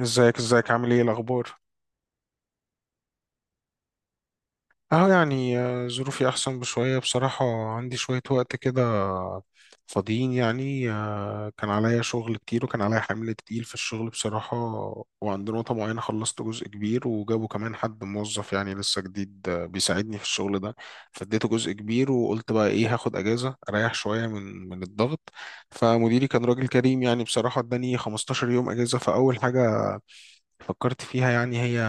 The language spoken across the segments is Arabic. ازيك ازيك، عامل ايه الاخبار؟ اهو يعني ظروفي احسن بشويه بصراحه. عندي شويه وقت كده فاضيين يعني. كان عليا شغل كتير وكان عليا حمل تقيل في الشغل بصراحه. وعند نقطه معينه خلصت جزء كبير، وجابوا كمان حد موظف يعني لسه جديد، بيساعدني في الشغل ده. فاديته جزء كبير، وقلت بقى ايه، هاخد اجازه اريح شويه من الضغط. فمديري كان راجل كريم يعني بصراحه، اداني 15 يوم اجازه. فاول حاجه فكرت فيها يعني، هي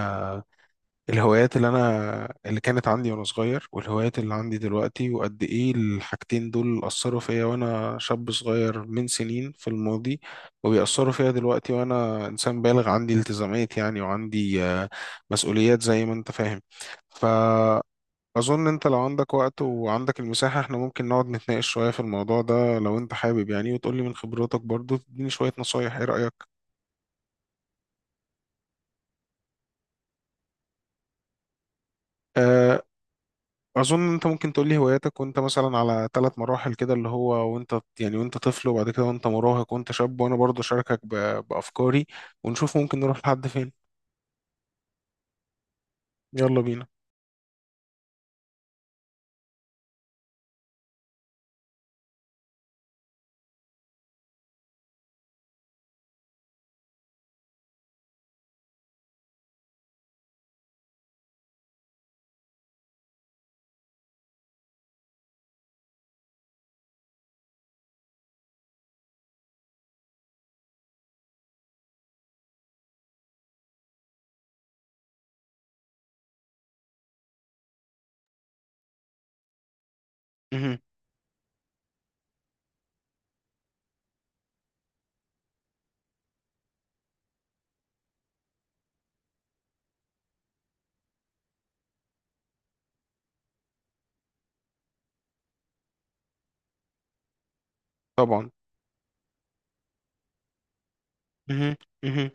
الهوايات اللي كانت عندي وانا صغير، والهوايات اللي عندي دلوقتي، وقد ايه الحاجتين دول اثروا فيا وانا شاب صغير من سنين في الماضي، وبيأثروا فيا دلوقتي وانا انسان بالغ، عندي التزامات يعني، وعندي مسؤوليات زي ما انت فاهم. فأظن، انت لو عندك وقت وعندك المساحة، احنا ممكن نقعد نتناقش شوية في الموضوع ده لو انت حابب يعني، وتقولي من خبراتك برضو، تديني شوية نصايح. ايه رأيك؟ آه، اظن انت ممكن تقول لي هواياتك وانت مثلا على ثلاث مراحل كده، اللي هو وانت يعني وانت طفل، وبعد كده وانت مراهق، وانت شاب، وانا برضه اشاركك بافكاري. ونشوف ممكن نروح لحد فين. يلا بينا. مهم. طبعا. مهم. مهم.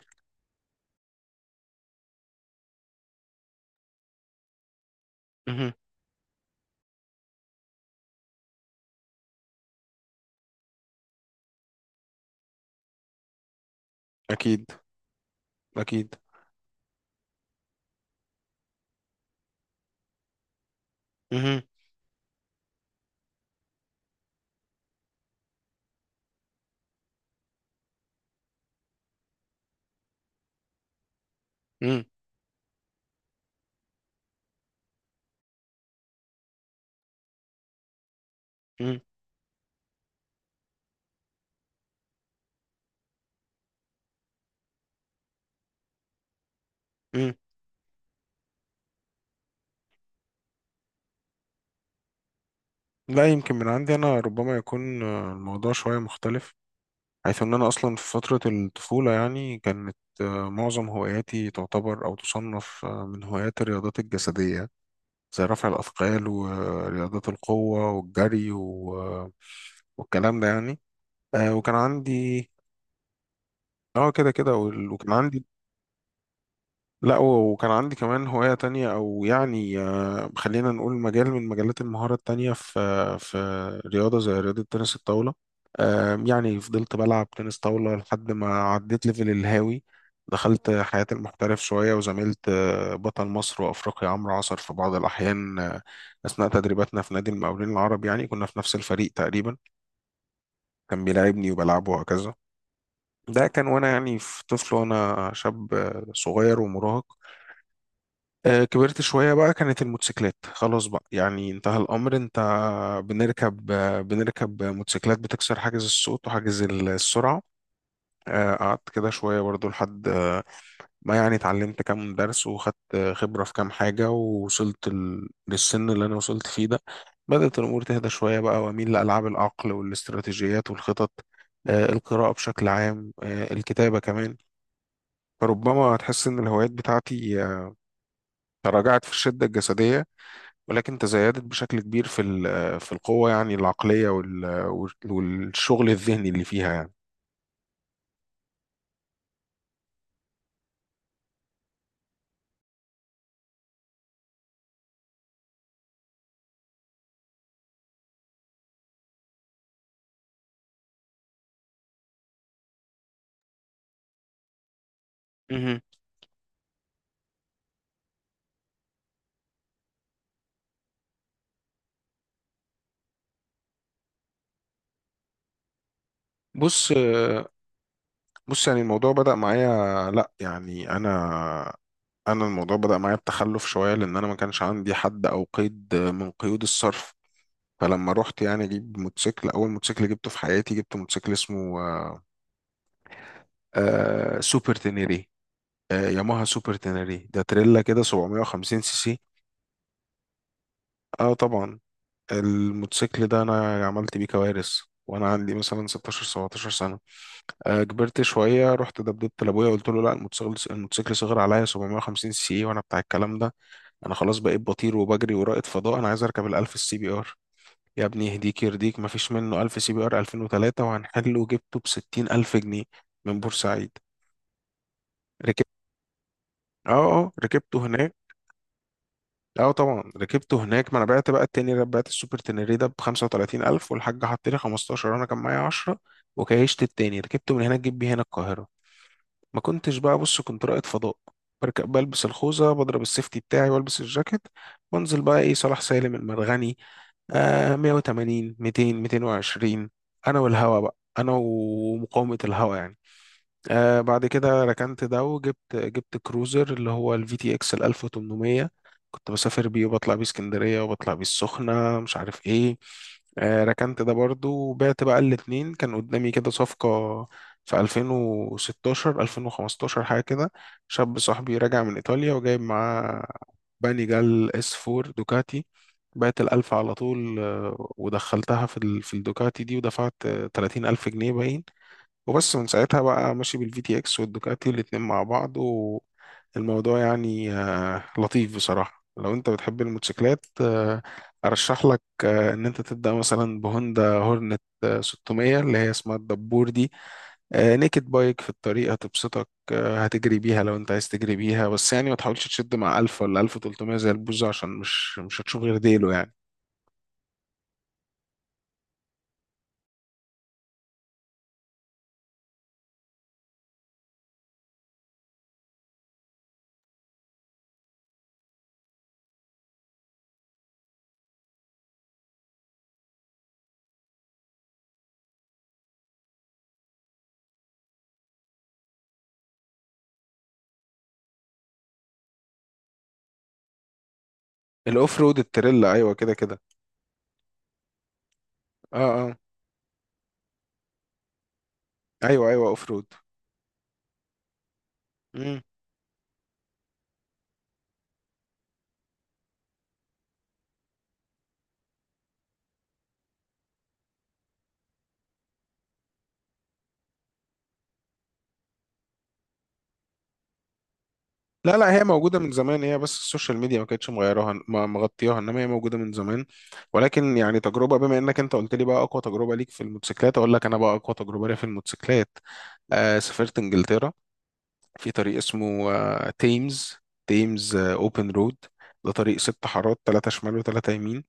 مهم. اكيد. اكيد. مهم. مهم. مهم. مهم. لا، يمكن من عندي انا ربما يكون الموضوع شويه مختلف. حيث ان انا اصلا في فتره الطفوله يعني، كانت معظم هواياتي تعتبر او تصنف، من هوايات الرياضات الجسديه. زي رفع الأثقال ورياضات القوة والجري، والكلام ده يعني. وكان عندي. اه كده كده. وكان عندي. لا، وكان عندي كمان هواية تانية، أو يعني، خلينا نقول مجال من مجالات المهارة التانية في رياضة، زي رياضة تنس الطاولة. يعني فضلت بلعب تنس طاولة لحد ما عديت ليفل الهاوي. دخلت حياة المحترف شوية وزميلت بطل مصر وأفريقيا عمرو عصر في بعض الأحيان، أثناء تدريباتنا في نادي المقاولين العرب. يعني كنا في نفس الفريق تقريبا. كان بيلاعبني وبلعبه وهكذا. ده كان وأنا يعني في طفل وأنا شاب صغير ومراهق. كبرت شوية بقى، كانت الموتوسيكلات خلاص بقى يعني انتهى الأمر. انت بنركب موتوسيكلات بتكسر حاجز الصوت وحاجز السرعة. قعدت كده شوية برضو لحد ما، يعني اتعلمت كام درس، وخدت خبرة في كام حاجة، ووصلت للسن اللي أنا وصلت فيه ده. بدأت الأمور تهدى شوية بقى، وأميل لألعاب العقل والاستراتيجيات والخطط، القراءة بشكل عام، الكتابة كمان. فربما تحس إن الهوايات بتاعتي تراجعت في الشدة الجسدية، ولكن تزايدت بشكل كبير في ال- آه، في القوة يعني العقلية والشغل الذهني اللي فيها يعني. مهم. بص. بص، يعني الموضوع بدأ معايا. لا يعني انا الموضوع بدأ معايا بتخلف شوية، لان انا ما كانش عندي حد او قيد من قيود الصرف. فلما رحت يعني اجيب موتوسيكل، اول موتوسيكل جبته في حياتي جبت موتوسيكل اسمه سوبر تينيري. ياماها سوبر تينيري، ده تريلا كده 750 سي سي. اه طبعا. الموتوسيكل ده انا عملت بيه كوارث وانا عندي مثلا 16 17 سنه. كبرت شويه، رحت دبدبت لابويا، قلت له: لا، الموتوسيكل صغير عليا، 750 سي سي وانا بتاع الكلام ده. انا خلاص بقيت بطير وبجري ورائد فضاء، انا عايز اركب ال 1000 السي بي ار. يا ابني يهديك يرضيك، ما فيش منه 1000 سي بي ار 2003، وهنحله وجبته ب 60000 جنيه من بورسعيد. ركبت اه اه، ركبته هناك. اه طبعا، ركبته هناك، ما انا بعت بقى التاني ده، بعت السوبر تنري ده ب 35000، والحاج حط لي 15، انا كان معايا 10. وكيشت التاني ركبته من هناك جيب بيه هنا القاهره. ما كنتش بقى، بص كنت رائد فضاء، بركب، بلبس الخوذه، بضرب السيفتي بتاعي، والبس الجاكيت. وانزل بقى ايه، صلاح سالم، المرغني، 180 200 220، انا والهوا بقى، انا ومقاومه الهوا يعني. بعد كده ركنت ده، وجبت كروزر اللي هو الفي تي اكس ال 1800. كنت بسافر بيه، وبطلع بيه اسكندرية، وبطلع بيه السخنة، مش عارف ايه. ركنت ده برضو، وبعت بقى الاتنين، كان قدامي كده صفقة في 2016 2015 حاجة كده. شاب صاحبي راجع من إيطاليا، وجايب معاه بانيجال اس 4 دوكاتي. بعت الألف على طول، ودخلتها في الدوكاتي دي، ودفعت تلاتين ألف جنيه باين. وبس، من ساعتها بقى ماشي بالفي تي اكس والدوكاتي الاتنين مع بعض. والموضوع يعني لطيف بصراحة. لو انت بتحب الموتوسيكلات، ارشح لك ان انت تبدأ مثلا بهوندا هورنت 600، اللي هي اسمها الدبور دي. نيكد بايك، في الطريق هتبسطك، هتجري بيها لو انت عايز تجري بيها، بس يعني ما تحاولش تشد مع 1000 ولا 1300 زي البوزة، عشان مش هتشوف غير ديله يعني. الاوف رود، التريلا، ايوه كده كده. اه اه، ايوه ايوه، اوف رود. لا لا، هي موجودة من زمان، هي بس السوشيال ميديا ما كانتش مغيرها مغطياها، انما هي موجودة من زمان. ولكن يعني، تجربة، بما انك انت قلت لي بقى اقوى تجربة ليك في الموتوسيكلات، اقول لك انا بقى اقوى تجربة ليا في الموتوسيكلات. سافرت انجلترا، في طريق اسمه تيمز، اوبن رود. ده طريق ست حارات، ثلاثة شمال وثلاثة يمين.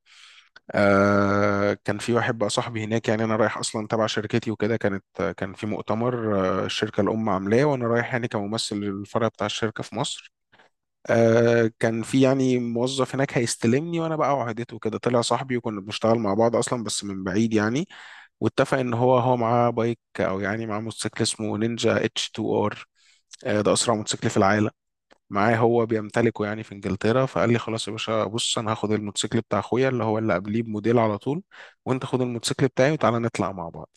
كان في واحد بقى صاحبي هناك، يعني انا رايح اصلا تبع شركتي وكده، كان في مؤتمر. الشركة الام عاملاه، وانا رايح يعني كممثل للفرع بتاع الشركة في مصر. كان في يعني موظف هناك هيستلمني وانا بقى وعدته كده، طلع صاحبي، وكنا بنشتغل مع بعض اصلا بس من بعيد يعني. واتفق ان هو معاه بايك، او يعني معاه موتوسيكل اسمه نينجا اتش 2 ار. ده اسرع موتوسيكل في العالم. معاه، هو بيمتلكه يعني في انجلترا. فقال لي: خلاص يا باشا بص، انا هاخد الموتوسيكل بتاع اخويا، اللي هو اللي قبليه بموديل على طول. وانت خد الموتوسيكل بتاعي وتعالى نطلع مع بعض.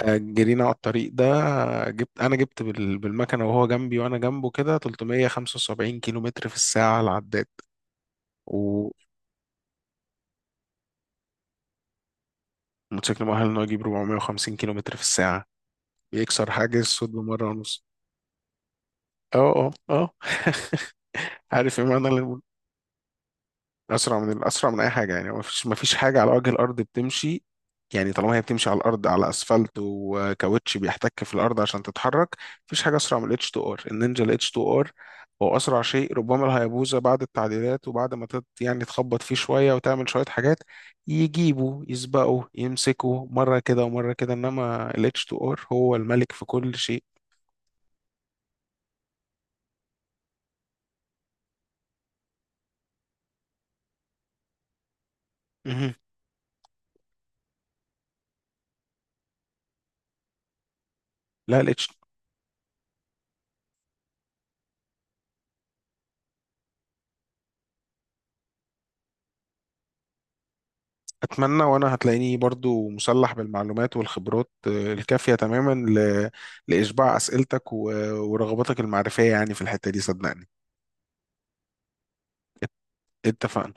جرينا على الطريق ده. انا جبت بالمكنه وهو جنبي وانا جنبه كده، 375 كيلو متر في الساعه على العداد. وموتوسيكل مؤهل انه يجيب 450 كيلو متر في الساعة، بيكسر حاجز صوت بمرة ونص. اه اه اه عارف ايه معنى. اسرع من اي حاجه يعني، ما فيش حاجه على وجه الارض بتمشي. يعني طالما هي بتمشي على الارض، على اسفلت وكاوتش بيحتك في الارض عشان تتحرك. مفيش حاجه اسرع من الاتش 2 ار، النينجا الاتش 2 ار هو اسرع شيء، ربما الهيابوزا بعد التعديلات وبعد ما يعني تخبط فيه شويه وتعمل شويه حاجات. يجيبوا يسبقوا يمسكوا مره كده ومره كده، انما الاتش 2 ار هو الملك في كل شيء. مهم. لا، الاتش. أتمنى، وأنا هتلاقيني برضو مسلح بالمعلومات والخبرات الكافية تماما لإشباع أسئلتك ورغباتك المعرفية يعني في الحتة دي صدقني. ات- اتفقنا.